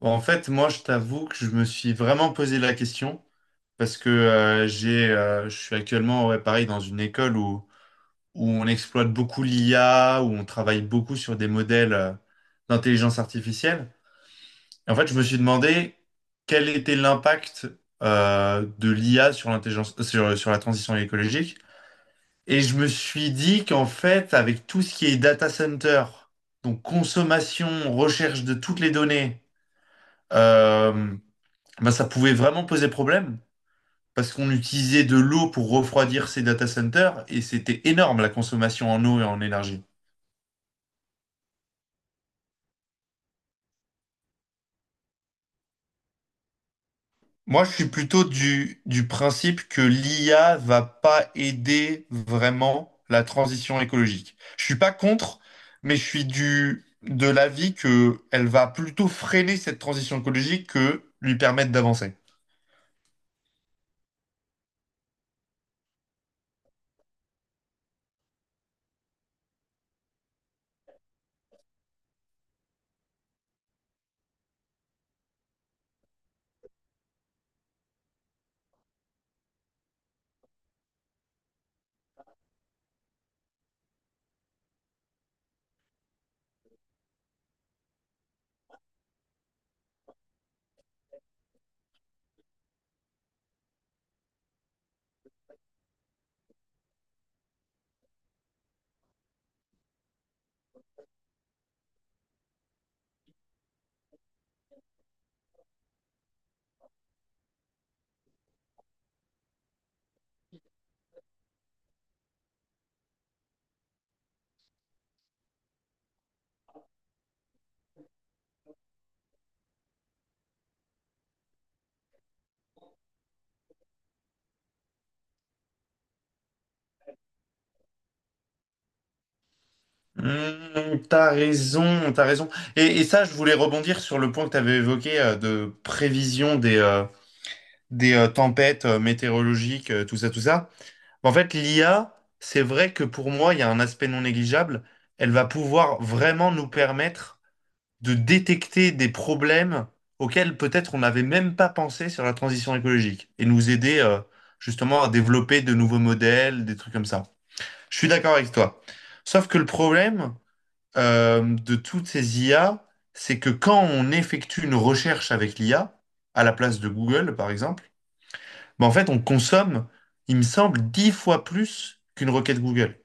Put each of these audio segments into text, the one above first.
Bon, en fait, moi, je t'avoue que je me suis vraiment posé la question parce que je suis actuellement, ouais, pareil, dans une école où on exploite beaucoup l'IA, où on travaille beaucoup sur des modèles d'intelligence artificielle. Et en fait, je me suis demandé quel était l'impact de l'IA sur la transition écologique. Et je me suis dit qu'en fait, avec tout ce qui est data center, donc consommation, recherche de toutes les données, euh, ben ça pouvait vraiment poser problème parce qu'on utilisait de l'eau pour refroidir ces data centers et c'était énorme la consommation en eau et en énergie. Moi, je suis plutôt du principe que l'IA va pas aider vraiment la transition écologique. Je suis pas contre, mais je suis de l'avis que elle va plutôt freiner cette transition écologique que lui permettre d'avancer. Hmm, t'as raison. Et ça, je voulais rebondir sur le point que t'avais évoqué de prévision des tempêtes météorologiques, tout ça, tout ça. En fait, l'IA, c'est vrai que pour moi, il y a un aspect non négligeable. Elle va pouvoir vraiment nous permettre de détecter des problèmes auxquels peut-être on n'avait même pas pensé sur la transition écologique et nous aider justement à développer de nouveaux modèles, des trucs comme ça. Je suis d'accord avec toi. Sauf que le problème de toutes ces IA, c'est que quand on effectue une recherche avec l'IA, à la place de Google, par exemple, ben en fait, on consomme, il me semble, 10 fois plus qu'une requête Google.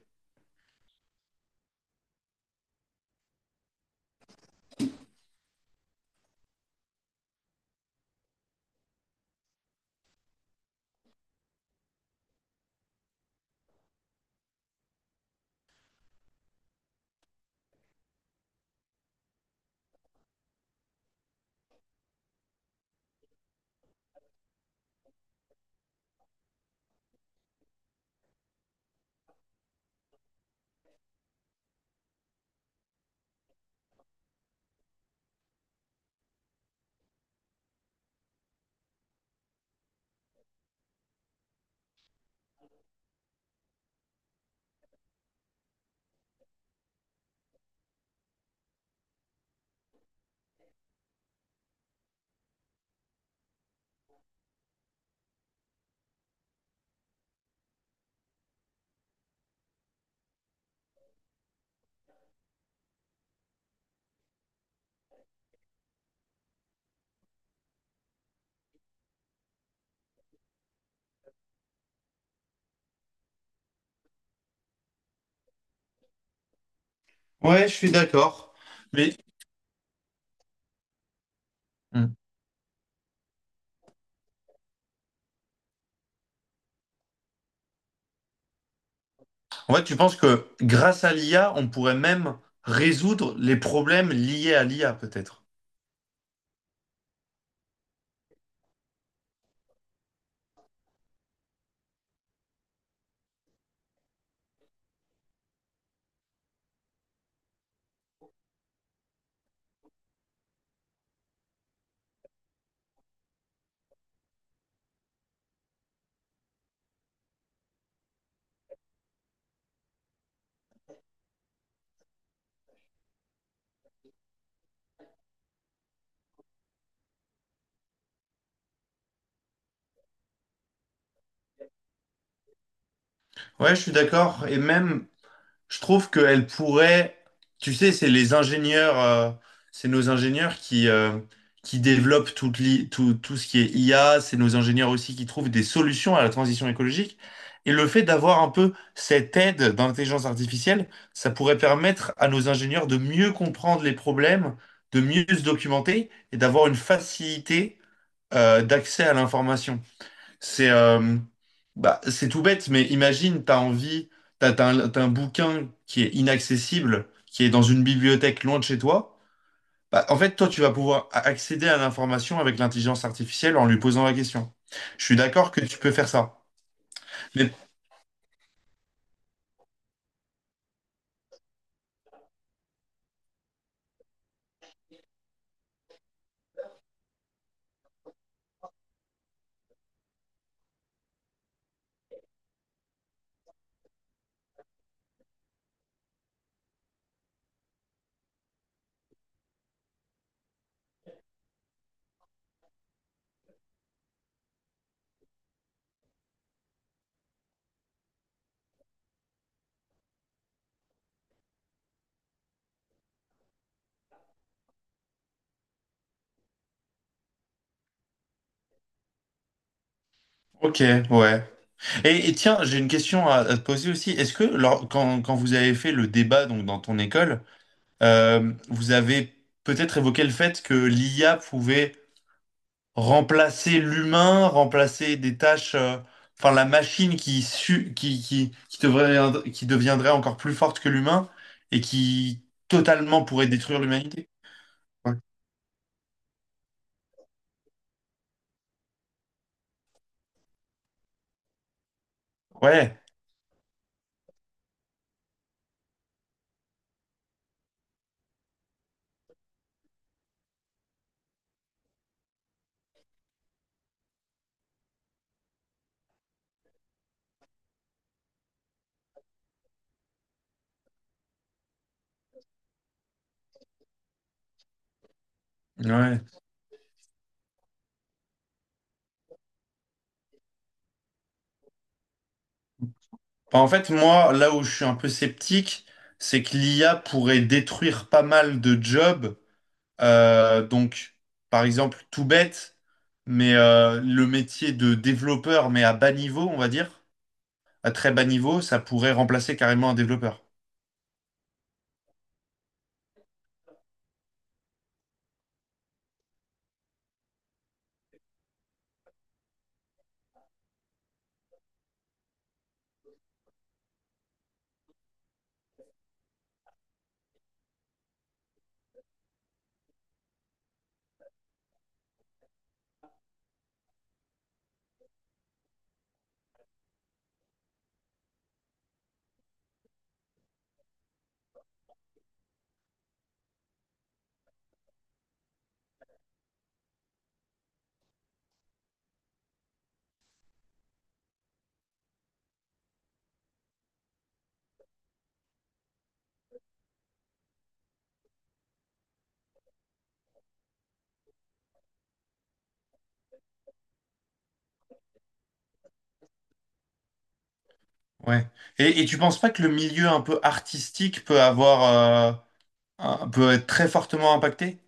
Ouais, je suis d'accord. Mais hmm. En fait, tu penses que grâce à l'IA, on pourrait même résoudre les problèmes liés à l'IA, peut-être. Ouais, je suis d'accord. Et même, je trouve qu'elle pourrait, tu sais, c'est les ingénieurs, c'est nos ingénieurs qui développent tout, tout ce qui est IA, c'est nos ingénieurs aussi qui trouvent des solutions à la transition écologique. Et le fait d'avoir un peu cette aide d'intelligence artificielle, ça pourrait permettre à nos ingénieurs de mieux comprendre les problèmes, de mieux se documenter et d'avoir une facilité, d'accès à l'information. C'est c'est tout bête, mais imagine, t'as envie, t'as un bouquin qui est inaccessible, qui est dans une bibliothèque loin de chez toi. Bah, en fait, toi, tu vas pouvoir accéder à l'information avec l'intelligence artificielle en lui posant la question. Je suis d'accord que tu peux faire ça. Mais ok, ouais. Et tiens, j'ai une question à te poser aussi. Est-ce que quand, quand vous avez fait le débat donc dans ton école, vous avez peut-être évoqué le fait que l'IA pouvait remplacer l'humain, remplacer des tâches, enfin la machine qui, su- qui, devrait- qui deviendrait encore plus forte que l'humain et qui totalement pourrait détruire l'humanité. Ouais. Ouais. Ouais. Enfin, en fait, moi, là où je suis un peu sceptique, c'est que l'IA pourrait détruire pas mal de jobs. Donc, par exemple, tout bête, mais le métier de développeur, mais à bas niveau, on va dire, à très bas niveau, ça pourrait remplacer carrément un développeur. Ouais. Et tu penses pas que le milieu un peu artistique peut avoir, euh, peut être très fortement impacté?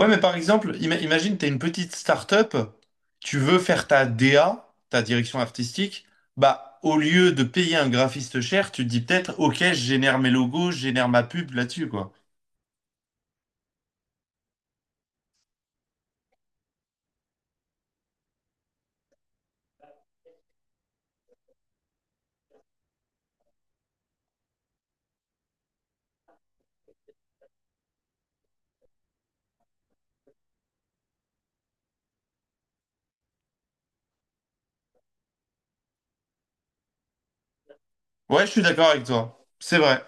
Ouais, mais par exemple, imagine, tu es une petite start-up, tu veux faire ta DA, ta direction artistique, bah, au lieu de payer un graphiste cher, tu te dis peut-être, ok, je génère mes logos, je génère ma pub là-dessus, quoi. Ouais, je suis d'accord avec toi. C'est vrai.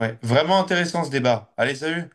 Ouais, vraiment intéressant ce débat. Allez, salut!